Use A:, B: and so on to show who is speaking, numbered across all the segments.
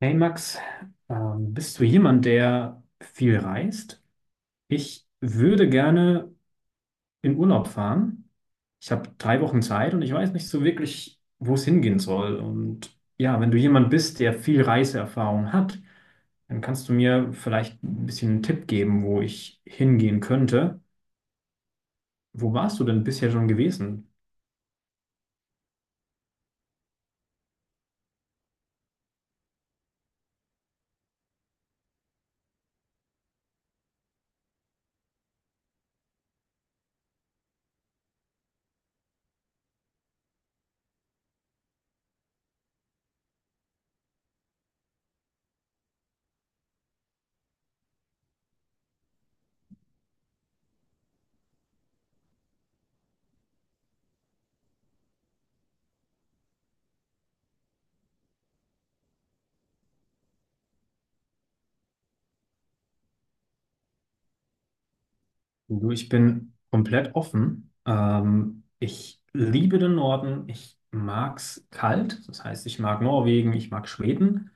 A: Hey Max, bist du jemand, der viel reist? Ich würde gerne in Urlaub fahren. Ich habe 3 Wochen Zeit und ich weiß nicht so wirklich, wo es hingehen soll. Und ja, wenn du jemand bist, der viel Reiseerfahrung hat, dann kannst du mir vielleicht ein bisschen einen Tipp geben, wo ich hingehen könnte. Wo warst du denn bisher schon gewesen? Du, ich bin komplett offen. Ich liebe den Norden. Ich mag's kalt. Das heißt, ich mag Norwegen, ich mag Schweden.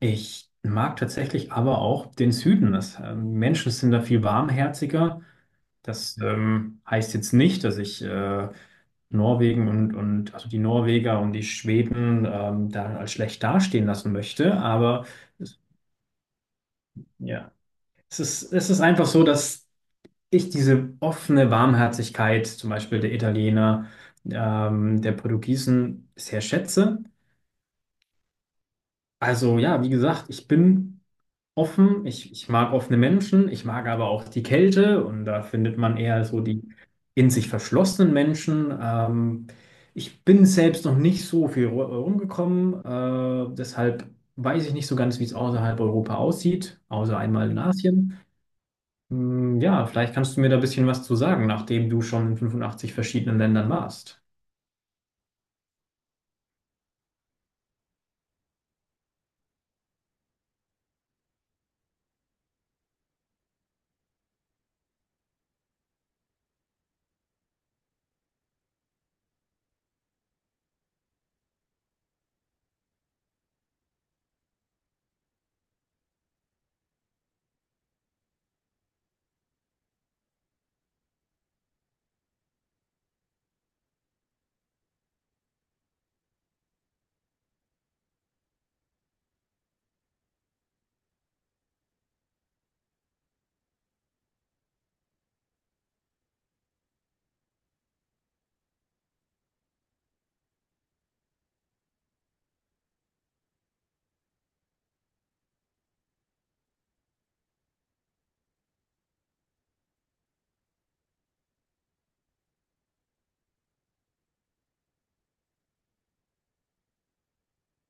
A: Ich mag tatsächlich aber auch den Süden. Das, Menschen sind da viel warmherziger. Das heißt jetzt nicht, dass ich Norwegen und also die Norweger und die Schweden da als schlecht dastehen lassen möchte. Aber es- ja, es ist einfach so, dass ich diese offene Warmherzigkeit, zum Beispiel der Italiener, der Portugiesen, sehr schätze. Also ja, wie gesagt, ich bin offen, ich mag offene Menschen, ich mag aber auch die Kälte und da findet man eher so die in sich verschlossenen Menschen. Ich bin selbst noch nicht so viel rumgekommen, deshalb weiß ich nicht so ganz, wie es außerhalb Europa aussieht, außer einmal in Asien. Hm, ja, vielleicht kannst du mir da ein bisschen was zu sagen, nachdem du schon in 85 verschiedenen Ländern warst.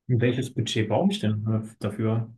A: Welches Budget brauche ich denn dafür?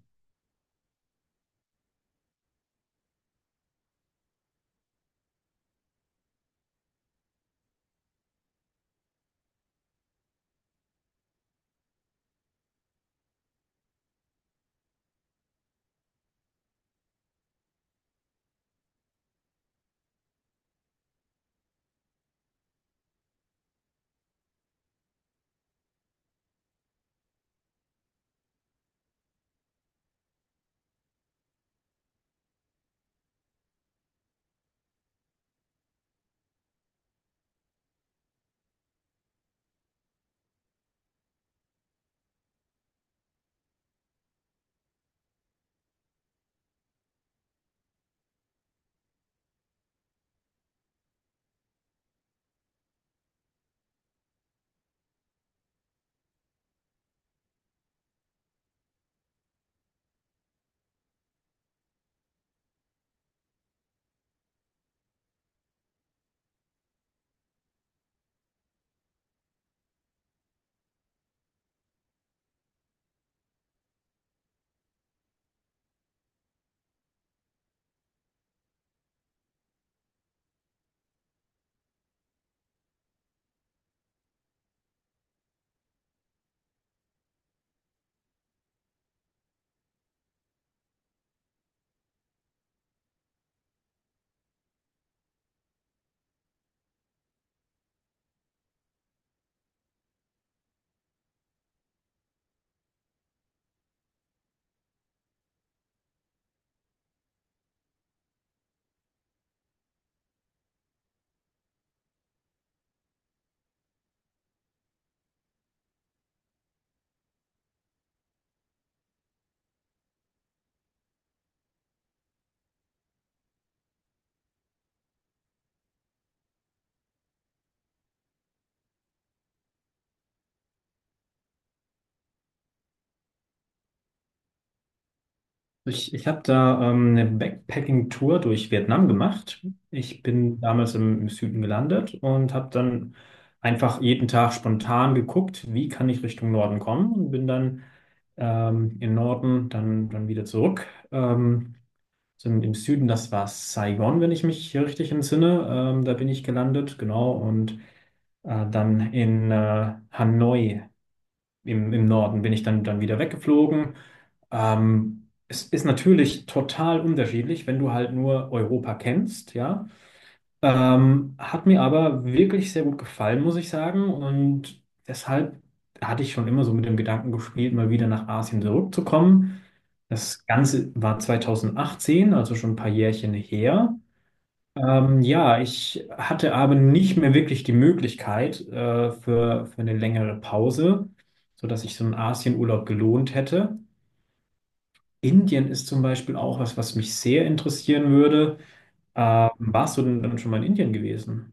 A: Ich habe da eine Backpacking-Tour durch Vietnam gemacht. Ich bin damals im Süden gelandet und habe dann einfach jeden Tag spontan geguckt, wie kann ich Richtung Norden kommen und bin dann in Norden, dann wieder zurück. Ähm, so im im Süden, das war Saigon, wenn ich mich hier richtig entsinne. Da bin ich gelandet, genau. Und dann in Hanoi im Norden bin ich dann wieder weggeflogen. Es ist natürlich total unterschiedlich, wenn du halt nur Europa kennst, ja. Hat mir aber wirklich sehr gut gefallen, muss ich sagen. Und deshalb hatte ich schon immer so mit dem Gedanken gespielt, mal wieder nach Asien zurückzukommen. Das Ganze war 2018, also schon ein paar Jährchen her. Ja, ich hatte aber nicht mehr wirklich die Möglichkeit für eine längere Pause, sodass ich so einen Asienurlaub gelohnt hätte. Indien ist zum Beispiel auch was, was mich sehr interessieren würde. Warst du denn dann schon mal in Indien gewesen?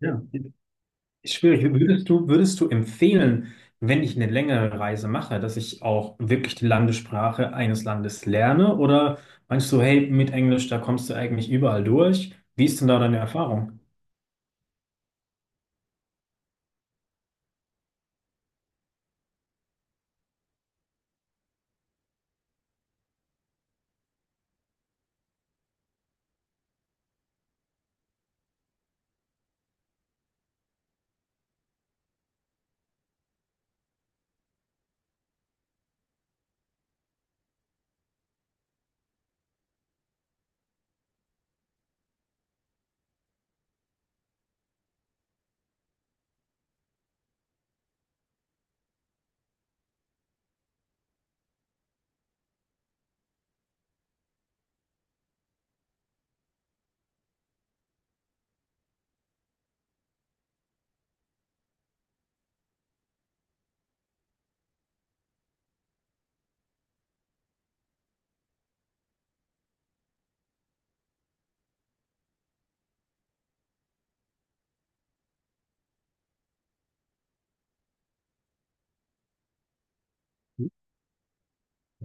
A: Ja. Ist schwierig. Würdest du empfehlen, wenn ich eine längere Reise mache, dass ich auch wirklich die Landessprache eines Landes lerne? Oder meinst du, hey, mit Englisch, da kommst du eigentlich überall durch? Wie ist denn da deine Erfahrung?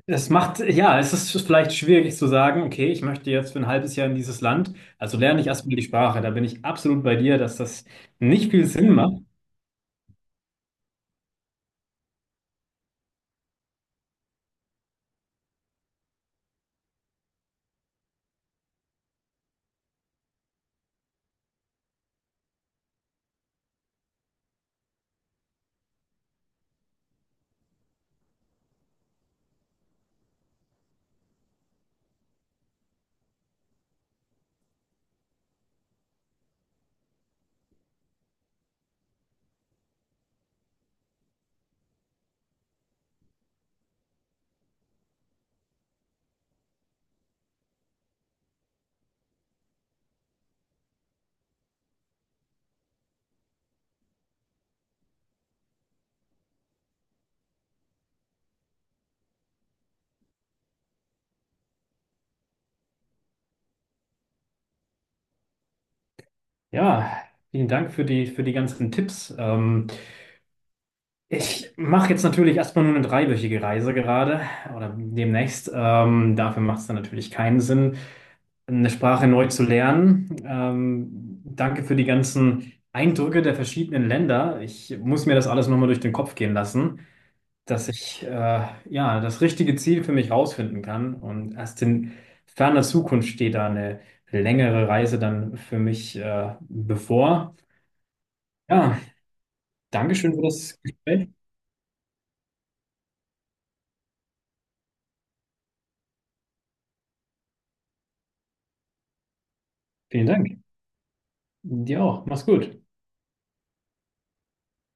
A: Es macht, ja, es ist vielleicht schwierig zu sagen, okay, ich möchte jetzt für ein halbes Jahr in dieses Land, also lerne ich erstmal die Sprache. Da bin ich absolut bei dir, dass das nicht viel Sinn macht. Ja, vielen Dank für für die ganzen Tipps. Ich mache jetzt natürlich erstmal nur eine dreiwöchige Reise gerade oder demnächst. Dafür macht es dann natürlich keinen Sinn, eine Sprache neu zu lernen. Danke für die ganzen Eindrücke der verschiedenen Länder. Ich muss mir das alles nochmal durch den Kopf gehen lassen, dass ich ja das richtige Ziel für mich rausfinden kann. Und erst in ferner Zukunft steht da eine längere Reise dann für mich bevor. Ja, Dankeschön für das Gespräch. Vielen Dank. Dir auch. Mach's gut.